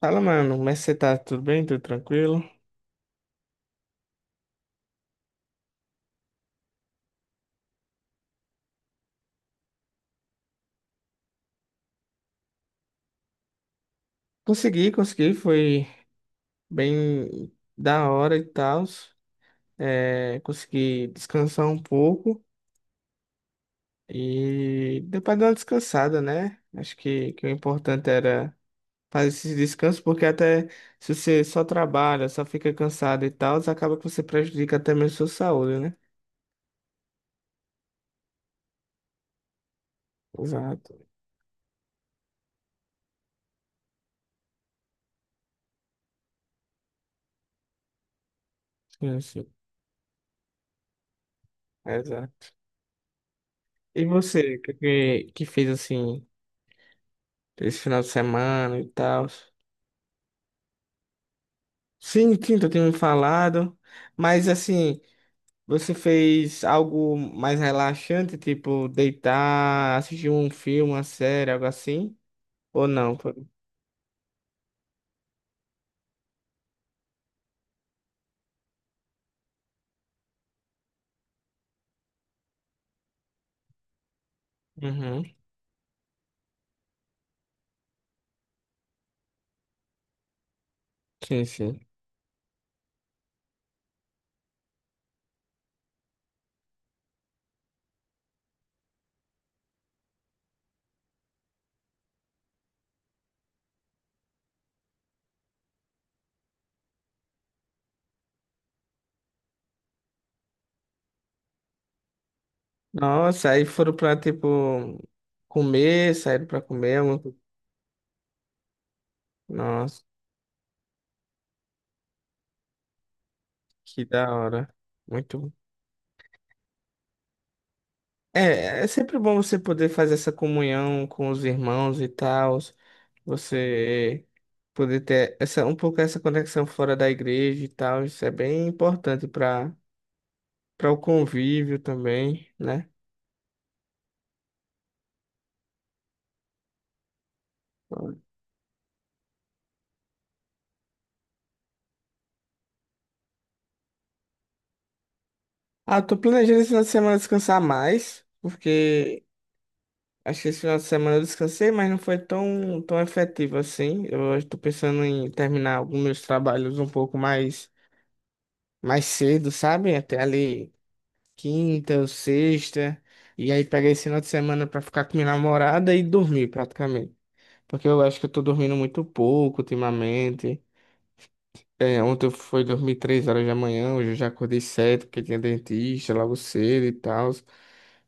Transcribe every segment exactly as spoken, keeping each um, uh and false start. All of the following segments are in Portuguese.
Fala, mano, como é que você tá? Tudo bem? Tudo tranquilo? Consegui, consegui, foi bem da hora e tal. É, consegui descansar um pouco e deu pra dar uma descansada, né? Acho que, que o importante era fazer esse descanso, porque até se você só trabalha, só fica cansado e tal, acaba que você prejudica até mesmo sua saúde, né? Exato. Sim, sim. Exato. E você, o que, que que fez assim esse final de semana e tal? Sim, sim, tu tem me falado. Mas assim, você fez algo mais relaxante, tipo deitar, assistir um filme, uma série, algo assim? Ou não? Foi- Uhum. Sim, sim. Nossa, aí foram pra, tipo, comer, saíram pra comer alguma co- nossa, que da hora. Muito É, é sempre bom você poder fazer essa comunhão com os irmãos e tal, você poder ter essa, um pouco essa conexão fora da igreja e tal, isso é bem importante para para o convívio também, né? Ah, tô planejando esse final de semana descansar mais, porque acho que esse final de semana eu descansei, mas não foi tão, tão efetivo assim. Eu estou pensando em terminar alguns meus trabalhos um pouco mais, mais cedo, sabe? Até ali quinta ou sexta, e aí peguei esse final de semana pra ficar com minha namorada e dormir praticamente. Porque eu acho que eu tô dormindo muito pouco ultimamente. É, ontem eu fui dormir três horas da manhã, hoje eu já acordei cedo, porque tinha dentista logo cedo e tal.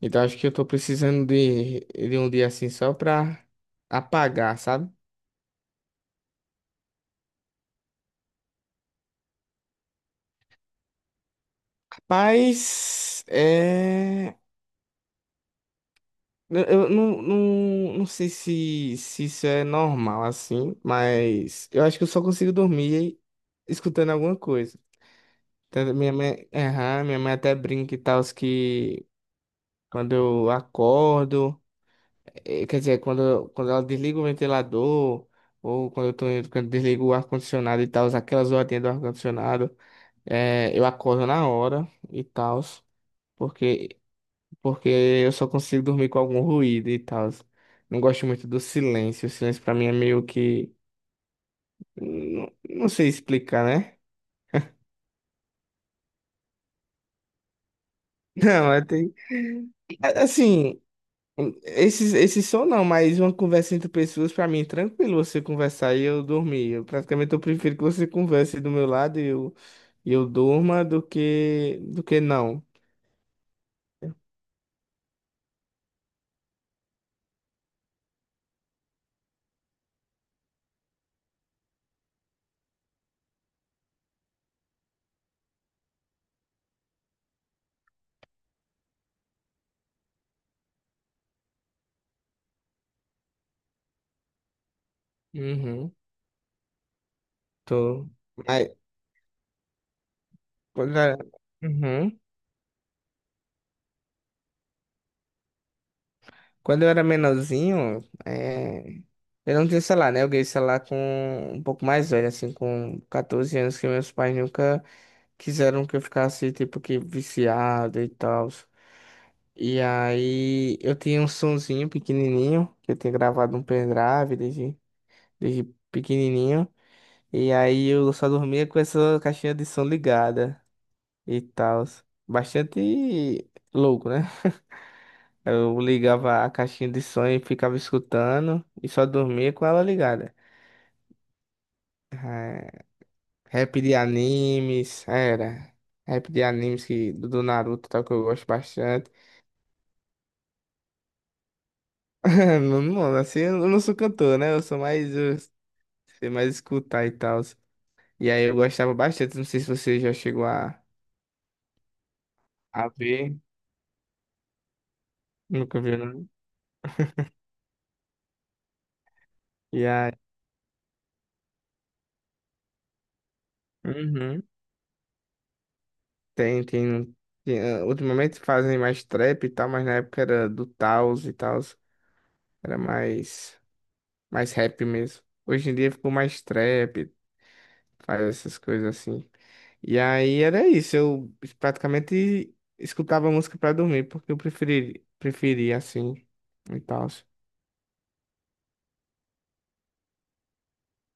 Então acho que eu tô precisando de, de um dia assim só pra apagar, sabe? Mas é. Eu eu não, não, não sei se, se isso é normal assim, mas eu acho que eu só consigo dormir escutando alguma coisa. Tanto minha mãe, aham, minha mãe até brinca e tal, que quando eu acordo, eh, quer dizer, quando, eu- quando ela desliga o ventilador, ou quando eu tô, indo- quando desligo o ar-condicionado e tal, aquelas horinhas do ar-condicionado, eh, eu acordo na hora e tal, porque porque eu só consigo dormir com algum ruído e tal. Não gosto muito do silêncio. O silêncio pra mim é meio que. Não, não sei explicar, né? Não, é tem. é- Assim, esses esses som não, mas uma conversa entre pessoas, pra mim, é tranquilo você conversar e eu dormir. Eu praticamente eu prefiro que você converse do meu lado e eu, e eu durma do que, do que não. Uhum, tô. Mas, quando eu era, uhum, quando eu era menorzinho, é, eu não tinha celular, né? Eu ganhei celular com um pouco mais velho, assim, com catorze anos, que meus pais nunca quiseram que eu ficasse, tipo, que viciado e tal. E aí eu tinha um sonzinho pequenininho, que eu tinha gravado um pendrive desde, desde pequenininho. E aí eu só dormia com essa caixinha de som ligada e tal. Bastante louco, né? Eu ligava a caixinha de som e ficava escutando e só dormia com ela ligada. Rap de animes, era. Rap de animes que, do do Naruto, tal, que eu gosto bastante. Não, não, assim, eu não sou cantor, né? Eu sou mais, eu sei mais escutar e tal. E aí eu gostava bastante, não sei se você já chegou a, a ver, nunca viu, não. E aí, uhum, tem, tem, tem, ah, ultimamente fazem mais trap e tal, mas na época era do Taos e tal, era mais, mais rap mesmo. Hoje em dia ficou mais trap, faz essas coisas assim. E aí era isso, eu praticamente escutava música pra dormir, porque eu preferi, preferia assim e tal.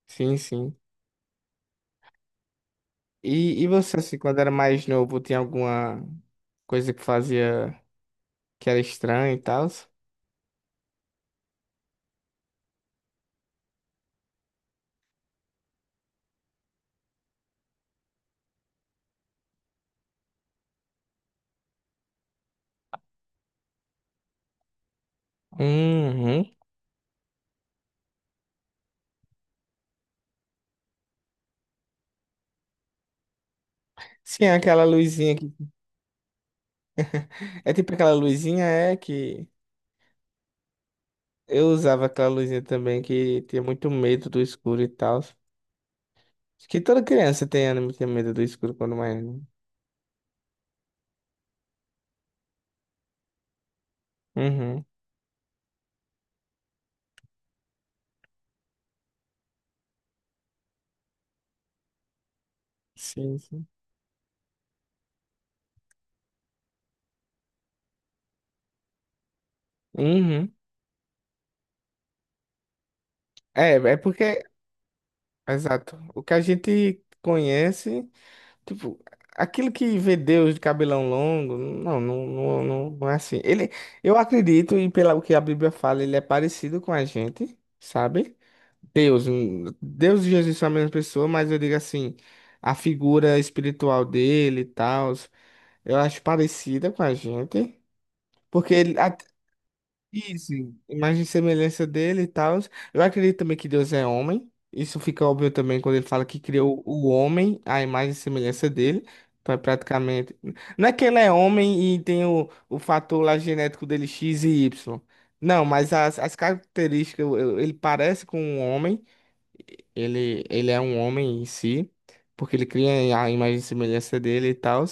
Sim, sim. E, e você, assim, quando era mais novo, tinha alguma coisa que fazia que era estranha e tal? Uhum. Sim, aquela luzinha que. É tipo aquela luzinha, é que. Eu usava aquela luzinha também que tinha muito medo do escuro e tal. Acho que toda criança tem, né, tem medo do escuro quando mais novo. Uhum. Sim, sim. Uhum. É, é porque, exato, o que a gente conhece, tipo, aquilo que vê Deus de cabelão longo, não, não, não, não, não é assim. Ele, eu acredito, e pelo que a Bíblia fala, ele é parecido com a gente, sabe? Deus, hum, Deus e Jesus são a mesma pessoa, mas eu digo assim, a figura espiritual dele e tal, eu acho parecida com a gente, porque ele, isso, imagem e semelhança dele e tal. Eu acredito também que Deus é homem. Isso fica óbvio também quando ele fala que criou o homem, a imagem e semelhança dele. Pra- Praticamente. Não é que ele é homem e tem o, o fator lá genético dele X e Y. Não, mas as, as características, eu- eu- ele parece com um homem. Ele, ele é um homem em si, porque ele cria a imagem e semelhança dele e tal.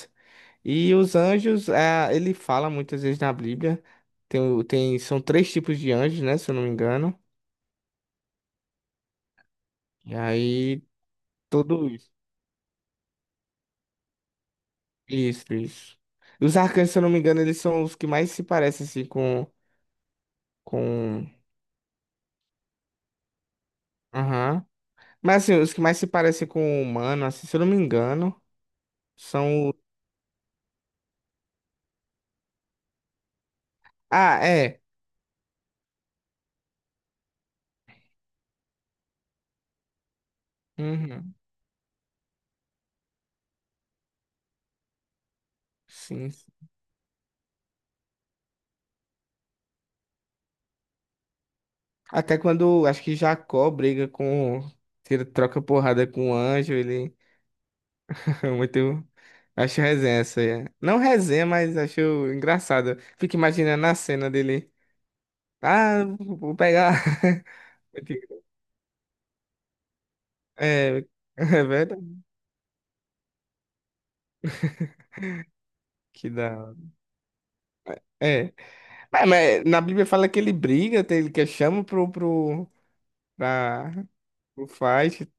E os anjos, ah, ele fala muitas vezes na Bíblia, tem, o- tem, são três tipos de anjos, né, se eu não me engano. E aí, tudo isso. Isso, isso. E os arcanjos, se eu não me engano, eles são os que mais se parecem, assim, com... com... Aham. Mas, assim, os que mais se parecem com o humano, assim, se eu não me engano, são... o- ah, é. Uhum. Sim, sim. Até quando, acho que Jacó briga com... tira, troca porrada com o anjo, ele... muito. Acho resenha essa aí. É. Não resenha, mas acho engraçado. Fico imaginando a cena dele. Ah, vou pegar. É, é verdade. Que da hora. É. Mas, mas na Bíblia fala que ele briga, tem- ele que chama pro, pro, pra, pro fight.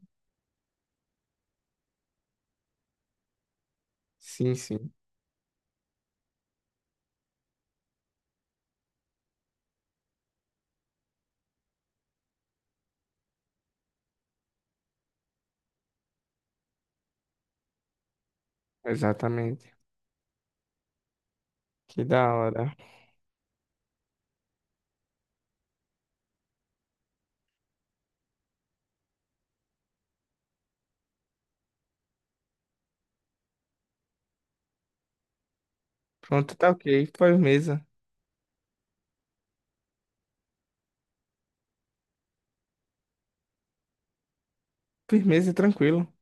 Sim, sim. Exatamente. Que da hora. Pronto, tá ok. Firmeza. Firmeza, tranquilo.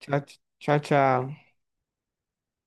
Tchau, tchau, tchau.